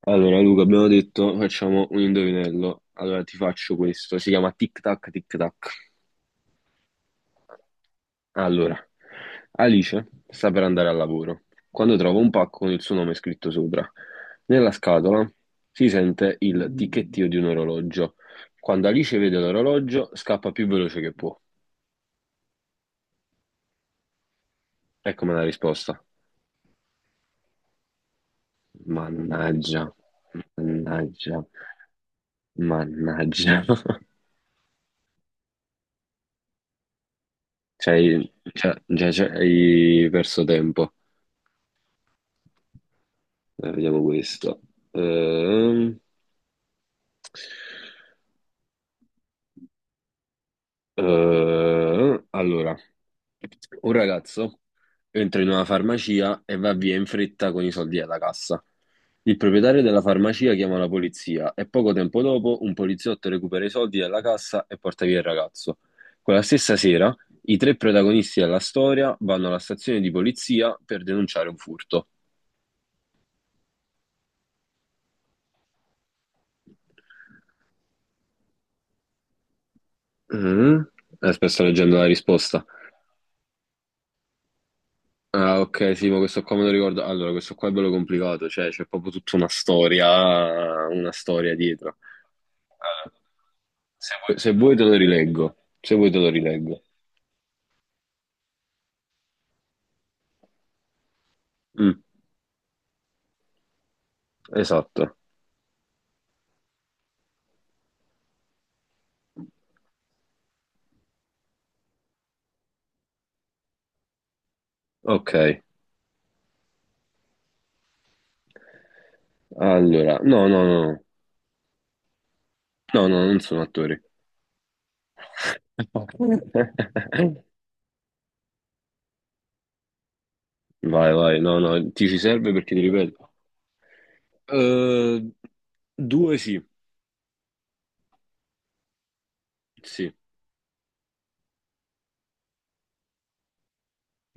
Allora, Luca, abbiamo detto facciamo un indovinello. Allora, ti faccio questo. Si chiama Tic Tac Tic Tac. Allora, Alice sta per andare al lavoro quando trova un pacco con il suo nome scritto sopra. Nella scatola si sente il ticchettio di un orologio. Quando Alice vede l'orologio, scappa più veloce che può. Ecco la risposta. Mannaggia, mannaggia, mannaggia. Cioè, già hai perso tempo. Vediamo questo. Ehm, allora, un ragazzo entra in una farmacia e va via in fretta con i soldi alla cassa. Il proprietario della farmacia chiama la polizia e poco tempo dopo un poliziotto recupera i soldi dalla cassa e porta via il ragazzo. Quella stessa sera, i tre protagonisti della storia vanno alla stazione di polizia per denunciare un furto. Mm. Aspetta, sto leggendo la risposta. Ah, ok, sì, ma questo qua me lo ricordo. Allora, questo qua è bello complicato, cioè c'è proprio tutta una storia dietro. Allora, se vuoi, se vuoi te lo rileggo, se vuoi te lo rileggo. Mm, esatto. Ok, allora, no, non sono attori. Vai, vai, no, no, ti ci serve perché ti ripeto. Eh, due sì, sì,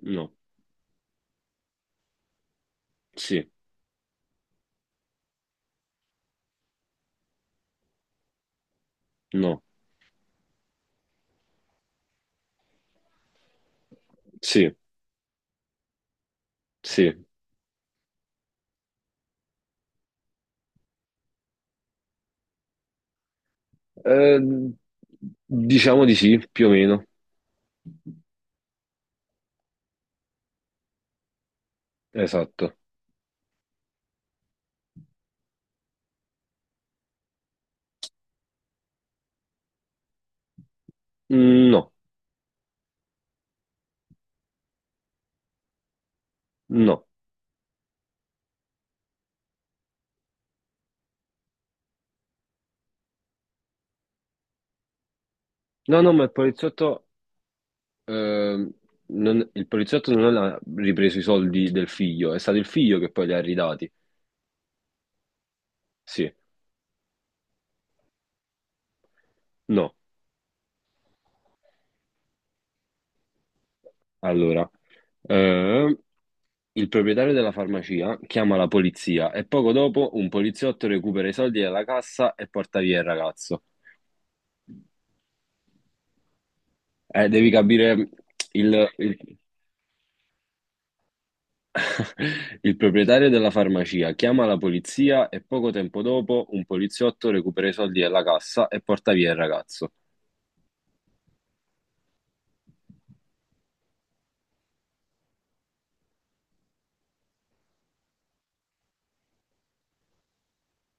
no, sì, no, sì, sì. Eh, diciamo di sì, più o meno. Esatto. Mm, no, no. No, no, ma il poliziotto, ehm, non- il poliziotto non ha ripreso i soldi del figlio, è stato il figlio che poi li ha ridati. Sì, no. Allora, ehm, il proprietario della farmacia chiama la polizia e poco dopo un poliziotto recupera i soldi dalla cassa e porta via il ragazzo. Devi capire il, il- il proprietario della farmacia chiama la polizia e poco tempo dopo un poliziotto recupera i soldi dalla cassa e porta via il ragazzo.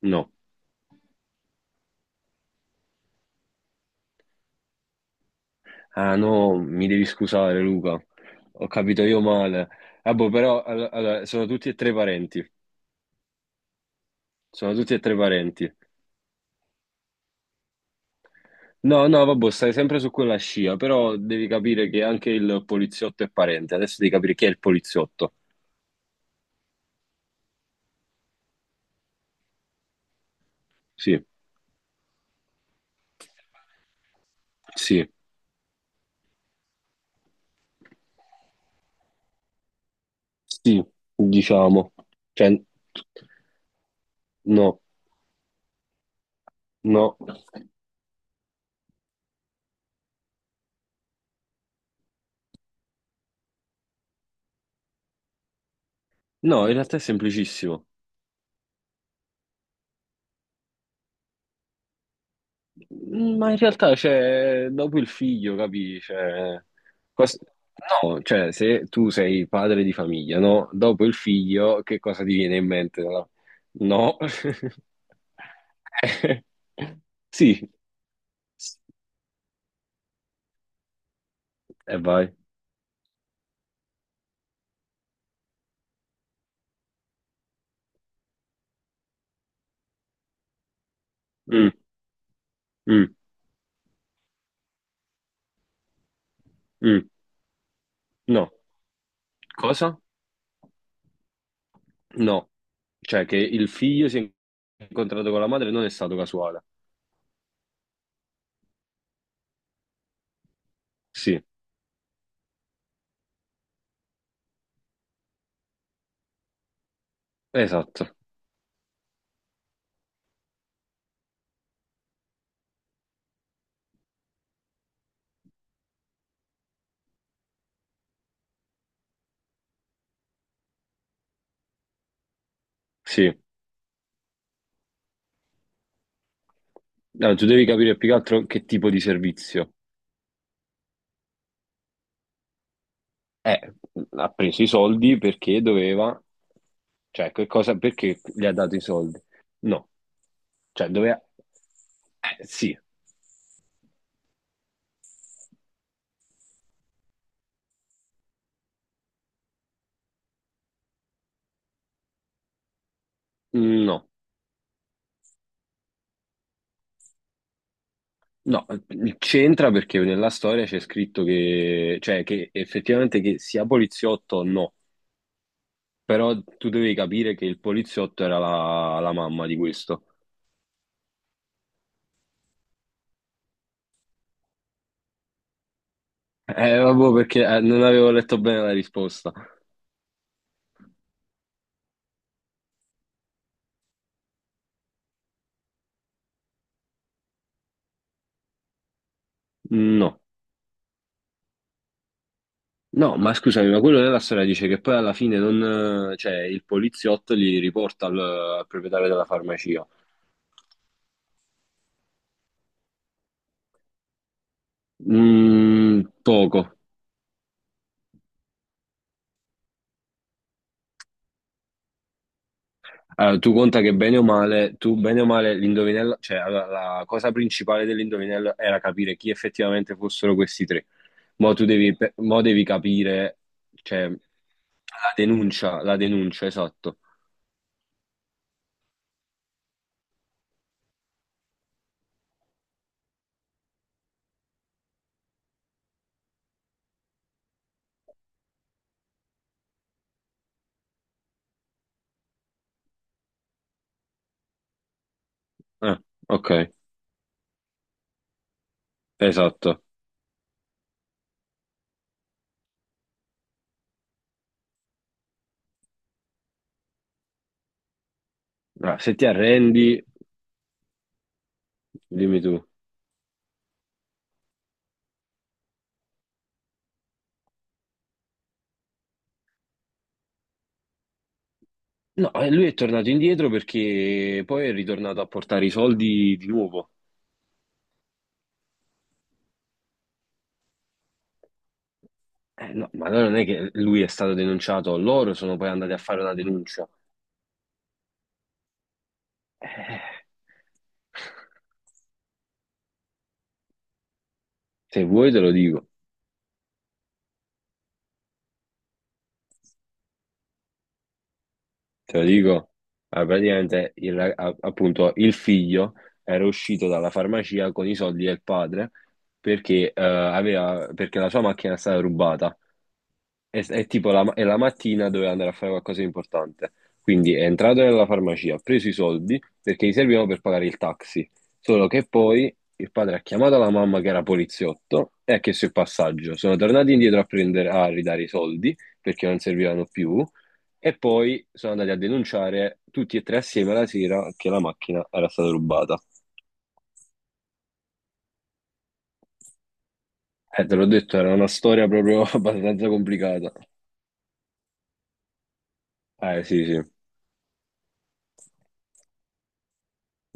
No. Ah no, mi devi scusare Luca, ho capito io male. Vabbè, però allora, sono tutti e tre parenti. Sono tutti e tre parenti. No, no, vabbè, stai sempre su quella scia, però devi capire che anche il poliziotto è parente. Adesso devi capire chi è il poliziotto. Sì, sì, sì, diciamo. Cioè, no, no. No, in realtà è semplicissimo. Mm, ma in realtà, cioè, dopo il figlio, capi? Cioè, cos- no, cioè, se tu sei padre di famiglia, no? Dopo il figlio, che cosa ti viene in mente? No. No. Sì. E vai. Mm, mm, mm. No. Cosa? No. Cioè, che il figlio si è incontrato con la madre non è stato casuale. Sì, esatto. Sì. No, tu devi capire più che altro che tipo di servizio. Eh, ha preso i soldi perché doveva, cioè, che cosa, perché gli ha dato i soldi? No, cioè, doveva, sì, no, no, c'entra perché nella storia c'è scritto che, cioè, che effettivamente che sia poliziotto o no, però tu devi capire che il poliziotto era la mamma di questo. Vabbè, perché non avevo letto bene la risposta. No. No, ma scusami, ma quello nella storia dice che poi alla fine non, cioè, il poliziotto li riporta al proprietario della farmacia. Mm, poco. Allora, tu conta che bene o male, l'indovinello, cioè allora, la cosa principale dell'indovinello era capire chi effettivamente fossero questi tre. Mo tu devi, mo devi capire, cioè, la denuncia, esatto. Ah, ok, esatto. Ah, se ti arrendi, dimmi tu. No, lui è tornato indietro perché poi è ritornato a portare i soldi di nuovo. No, ma allora non è che lui è stato denunciato, loro sono poi andati a fare una denuncia. Eh, se vuoi te lo dico, te lo dico. Ah, praticamente appunto il figlio era uscito dalla farmacia con i soldi del padre perché, perché la sua macchina è stata rubata. È la mattina doveva andare a fare qualcosa di importante. Quindi è entrato nella farmacia, ha preso i soldi perché gli servivano per pagare il taxi. Solo che poi il padre ha chiamato la mamma che era poliziotto e ha chiesto il passaggio. Sono tornati indietro a prendere, a ridare i soldi perché non servivano più. E poi sono andati a denunciare tutti e tre assieme la sera che la macchina era stata rubata. Te l'ho detto, era una storia proprio abbastanza complicata. Eh sì, sì.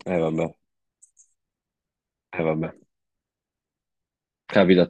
Eh vabbè, eh vabbè. Capita a